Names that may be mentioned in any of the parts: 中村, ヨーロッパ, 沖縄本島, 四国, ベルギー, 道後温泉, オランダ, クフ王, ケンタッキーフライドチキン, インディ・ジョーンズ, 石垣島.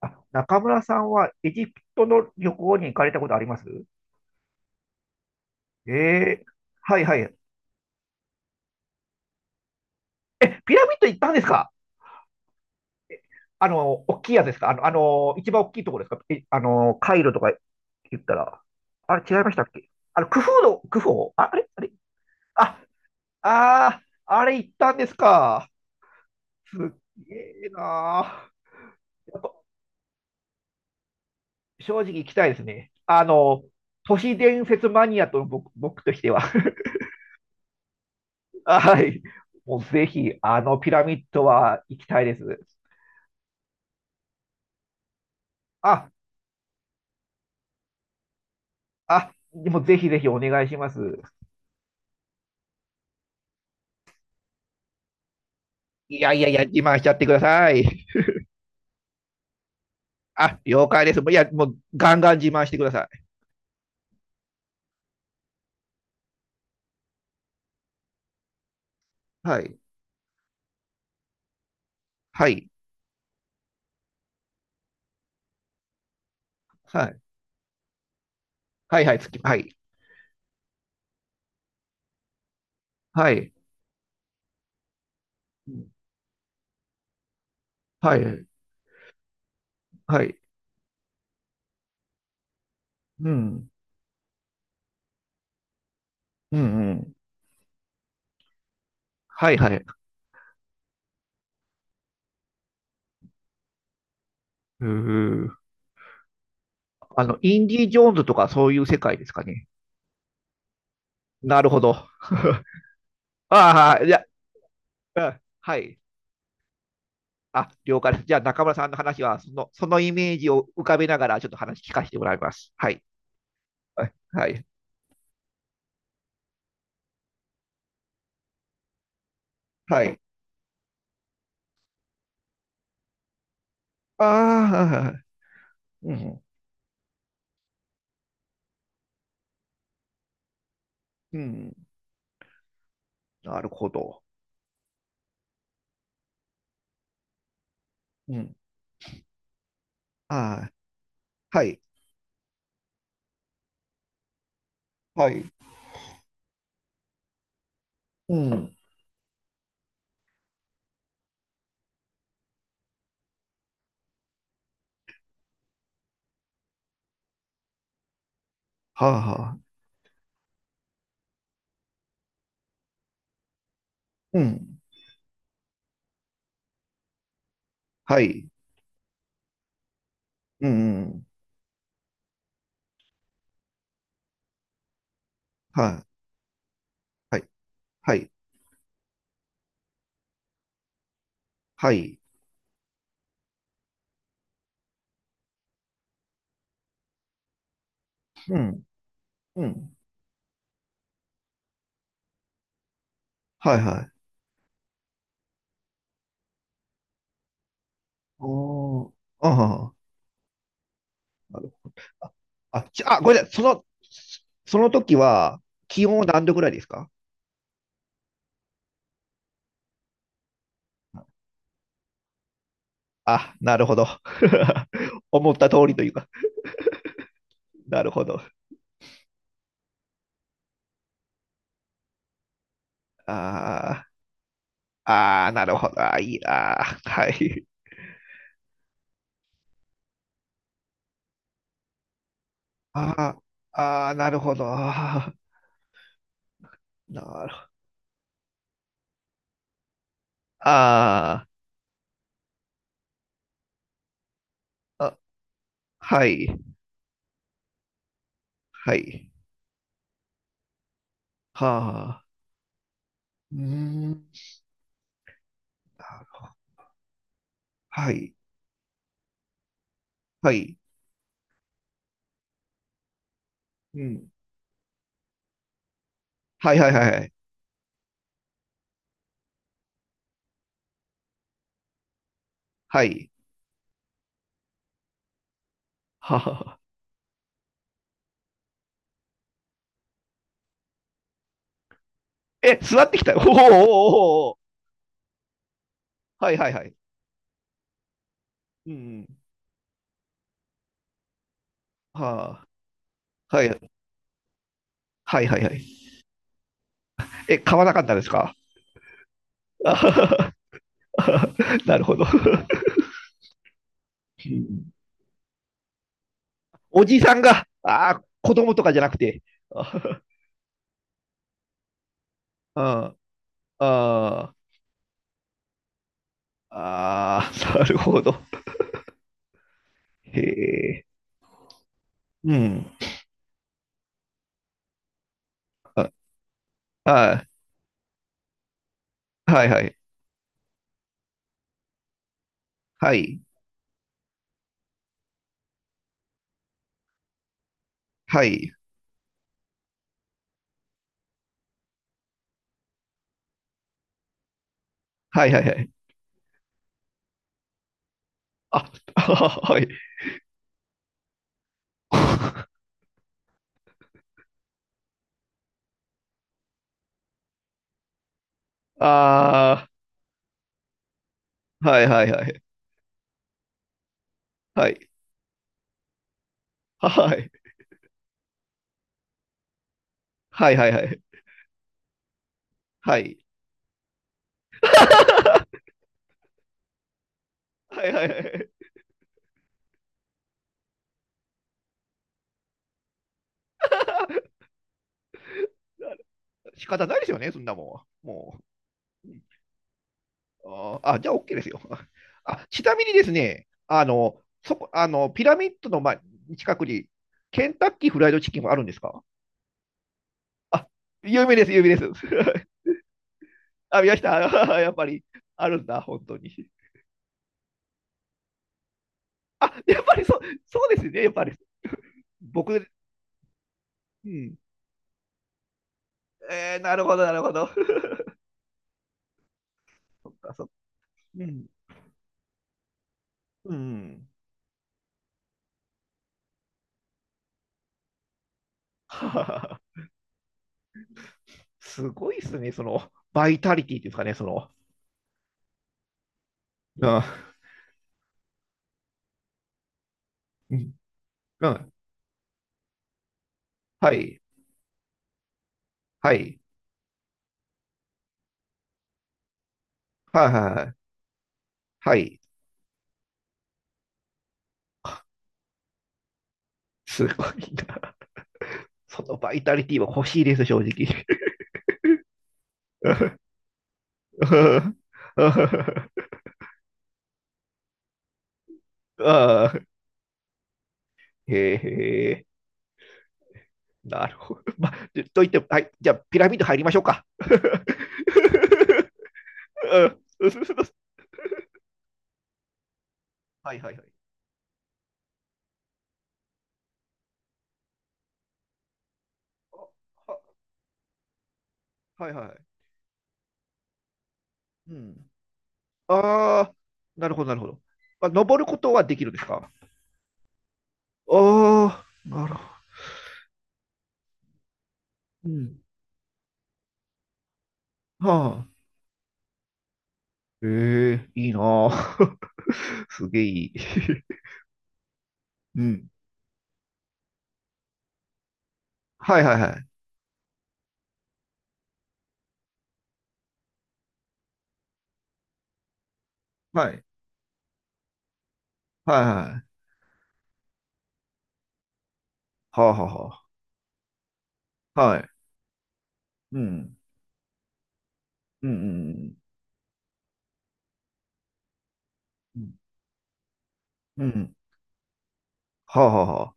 あ、中村さんはエジプトの旅行に行かれたことあります？ええ、はいはい。え、ピラミッド行ったんですか？あの、大きいやつですか？あの、一番大きいところですか？え、あの、カイロとか言ったら。あれ違いましたっけ？クフ王、あ、あれあれ。あ、あー、あれ行ったんですか。すっげえなー。やっぱ正直行きたいですね。都市伝説マニアと僕としては。はい。もうぜひ、あのピラミッドは行きたいです。あ、あ、でもぜひぜひお願いします。いやいやいや、自慢しちゃってください。あ、了解です。もういや、もうガンガン自慢してください。はい。はい。はい。はいはい、はい。はい。うんはい。はい。うん。うんうん。はいはいはいはいはいはいはいうんうんうんはいはいインディ・ジョーンズとかそういう世界ですかね。なるほど。ああ、いや、うんはい。あ、了解です。じゃあ、中村さんの話は、そのイメージを浮かべながら、ちょっと話聞かせてもらいます。はい。はい。はい。はい。ああ、はいうん。うん。なるほど。うん。ああ、はい。はい。うん。はあ、はあ。うん。はい。うん。うんはい。はい。はい。はい。うん。うん。はい。はい。おー。ああ、なるほど。あ、ごめんなさい。その時は、気温は何度ぐらいですか？あ、なるほど。思った通りというか、なるほど。あーあー、なるほど。あーいいな。あーはい。あーあー、なるほど。あーなるほど。あーあ、はい。はい。はあ。うーん。なるほど。はい。はい。うん。はいはいはいはい。はい。はあ。え、座ってきた。おーおーおーおー。はいはいはい。うん。はあ。はい。はいはいはい。え、買わなかったですか？あはは なるほど。おじさんが、あ、子供とかじゃなくて、ああ、ああ、ああなるほど。へえ、うん。あ、あはいはいはい。あ、あはい。ああ、はいはいはい、はいあはい、はいはいはい、はい、はいはいはいはいはいはいはい仕方ないですよね、そんなもん。もう。あー、あじゃあ OK ですよ。あ、ちなみにですね、そこ、ピラミッドの、ま、近くに、ケンタッキーフライドチキンはあるんですか？あ、有名です、有名です。あ、見ました。やっぱり、あるんだ、本当に。あ、やっぱりそう、そうですね、やっぱり。僕、うん。なるほど、なるほど。そっか、そっか。うん。うん。ははは すごいですね、その、バイタリティっていうんですかね、その。うん。うん。うんはい。はい。はい。はい。はい。すごいな。そのバイタリティは欲しいです、正直。ああ、へえ、なるほど。まあ、といっても、はい、じゃあ、ピラミッド入りましょうか。うんはいはいはい。あはいはい。うん。ああ、なるほど、なるほど。まあ、登ることはできるんですか？ああ、なるほど。うん。はあ。ええいいなあ。すげえいい。うん。はいはいはい。はい。はいはい。はあはあはあ。はい。うん。うんうんうん。うん。うんはあはあはあ。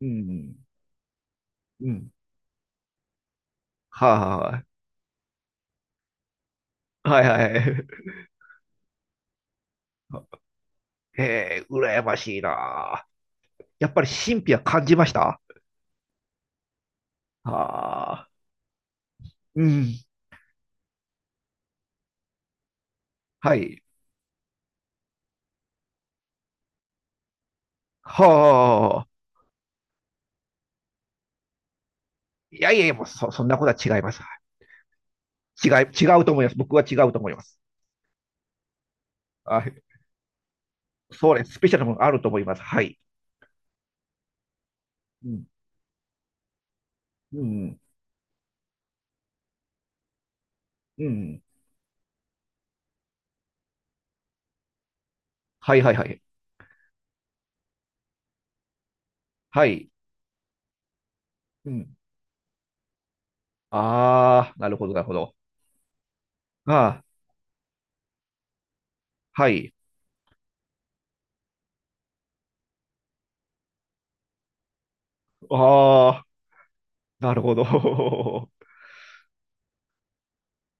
うん。うん。はあはあはあ。はいはい。ええ、羨ましいな。やっぱり神秘は感じました？はあ。うん。はい。はあ。いやいやいや、もうそんなことは違います。違い、違うと思います。僕は違うと思います。はい。そうです。スペシャルなものがあると思います。はい。うん。うん。うん。はいはいはい。はい。うん。ああ、なるほど、なるほど。ああ、はい。ああ、なるほど。